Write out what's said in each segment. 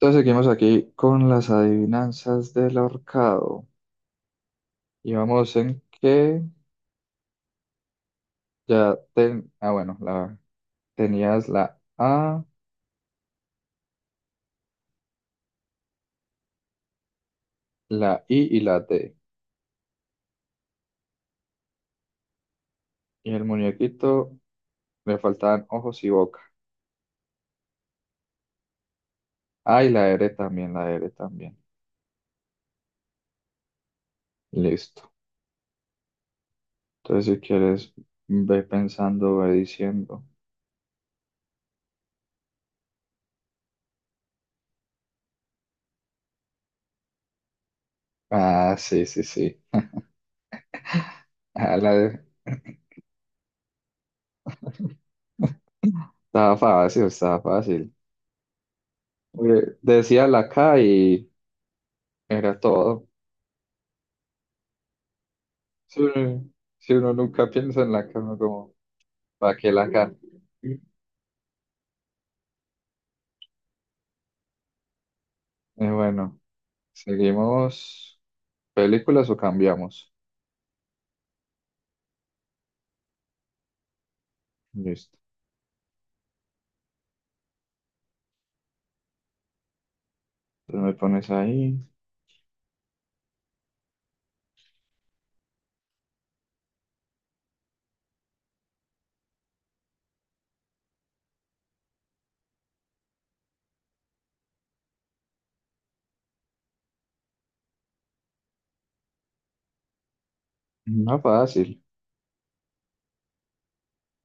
Entonces seguimos aquí con las adivinanzas del ahorcado. Y vamos en que ah, bueno, tenías la A, la I y la D. Y el muñequito le faltaban ojos y boca. Ah, y la R también, la R también. Listo. Entonces, si quieres, ve pensando, ve diciendo. Ah, sí, sí, sí. Ah, la de- Estaba fácil, estaba fácil. Decía la K y era todo. Sí, si uno nunca piensa en la cama, como, ¿para qué la cama? Bueno, ¿seguimos películas o cambiamos? Listo. Entonces me pones ahí. No fácil,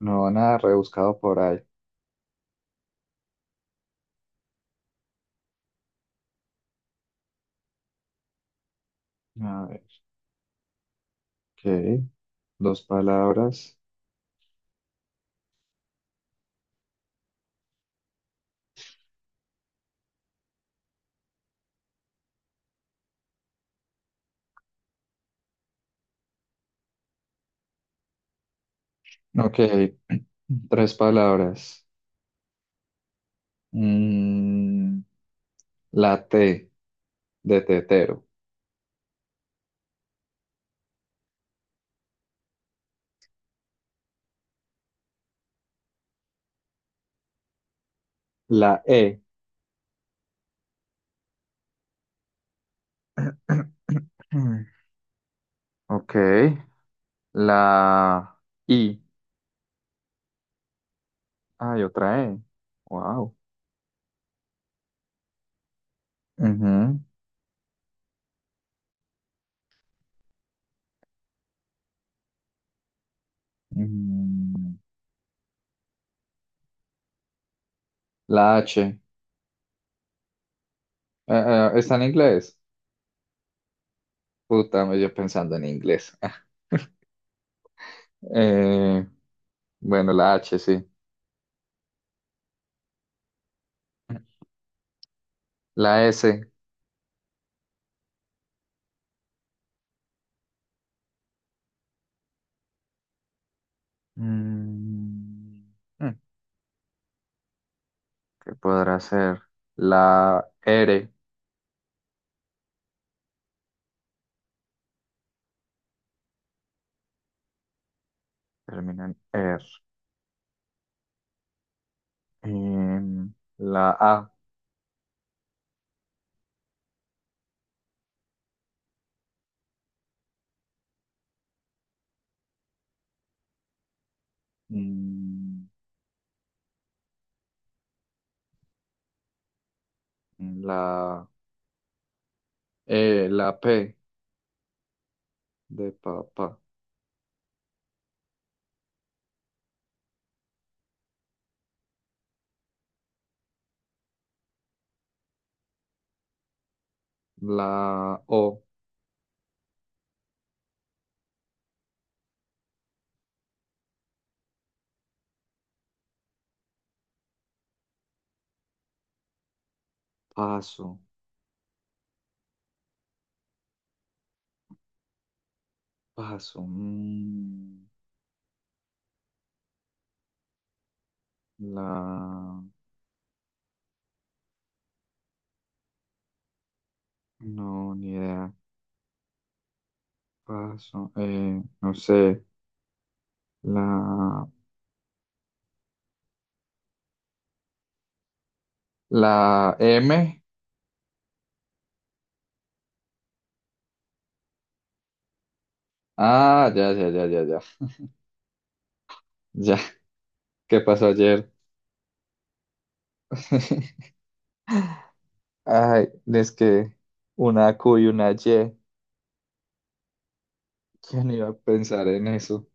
no nada rebuscado por ahí. A ver, ok, dos palabras. Ok, tres palabras. Mm, la T de tetero. La E. Ok, la I. Hay otra E. Wow. Ujú. Mm, La H. ¿Está en inglés? Puta, me yo pensando en inglés. Eh, bueno, la H, sí. La S. Mm, mm, ¿Qué podrá ser? La R. Termina en R. Em, la A. Mm, La E. La P. De papá. La O. Paso. Paso. Mm, la No, ni idea. Paso. No sé. La, la M. Ah, ya, ya, ya, ya, ya. Ya. ¿Qué pasó ayer? Ay, es que una Q y una Y. ¿Quién iba a pensar en eso?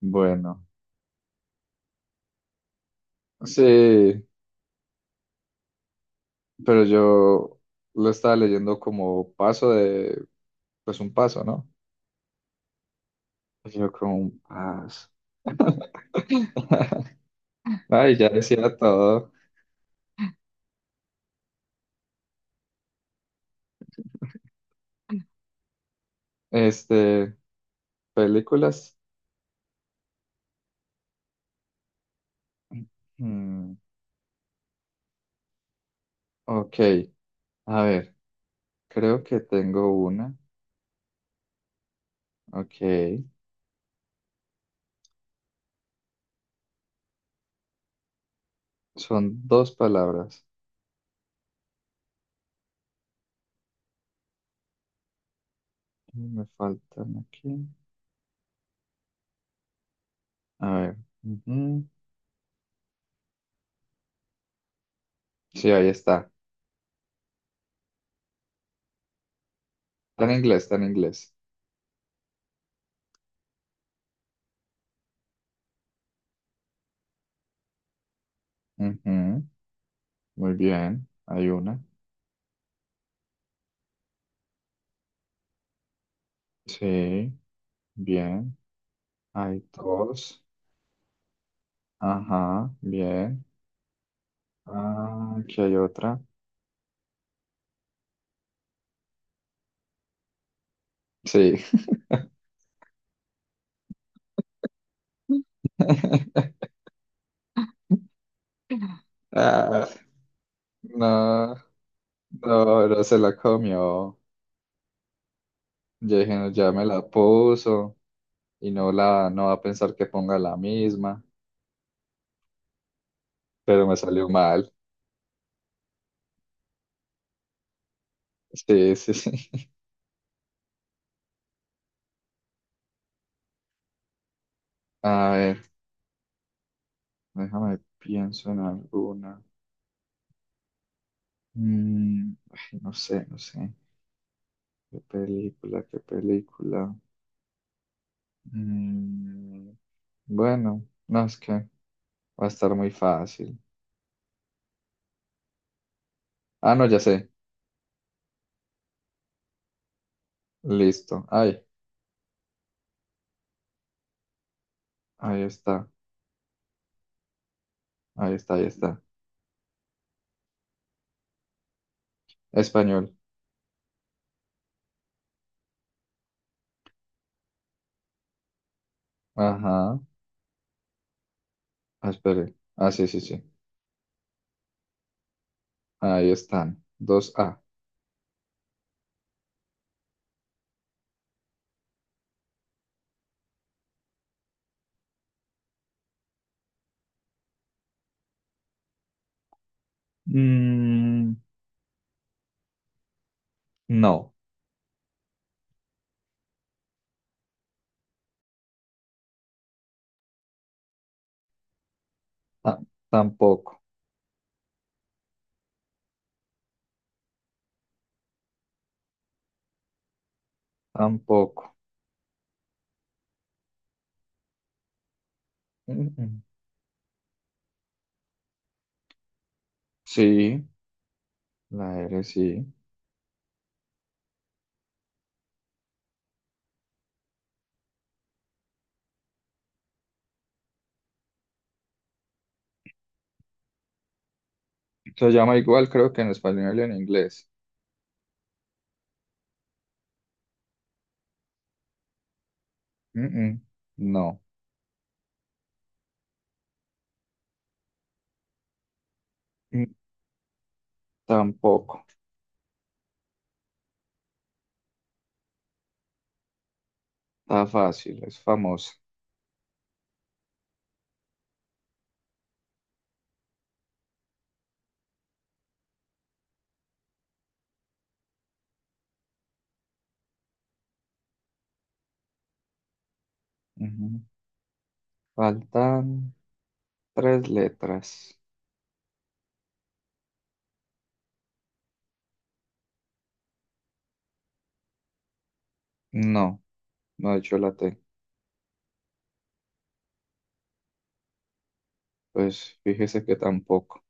Bueno, sí, pero yo lo estaba leyendo como paso de, pues un paso, ¿no? Yo como un paso. Ay, ya decía todo. Este. Películas. Mm, ok, a ver, creo que tengo una. Ok, son dos palabras. Me faltan aquí. A ver. Ujú. Sí, ahí está. Está en inglés, está en inglés. Ujú, muy bien, hay una. Sí, bien. Hay dos. Ajá, bien. Ah, aquí hay otra. Sí. Ah, no, no, no se la comió. Yo dije, no, ya me la puso y no va a pensar que ponga la misma, pero me salió mal. Sí, sí, sí. A ver, déjame, pienso en alguna. Ay, no sé, no sé. ¿Qué película, qué película? Mm, bueno, no, es que va a estar muy fácil. Ah, no, ya sé. Listo. Ay, ahí está, ahí está, ahí está. Español. Ajá. Ah, espere. Ah, sí, sí, sí. Ahí están. Dos a... Mm, no, ta- tampoco, tampoco. Mm-mm. Sí, la R sí. Se llama igual, creo que en español y en inglés. Mm-mm. No, Mm, tampoco. Está fácil, es famosa. Ujú. Faltan tres letras. No, no he hecho la T. Pues fíjese que tampoco.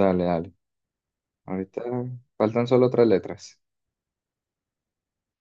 Dale, dale. Ahorita faltan solo tres letras.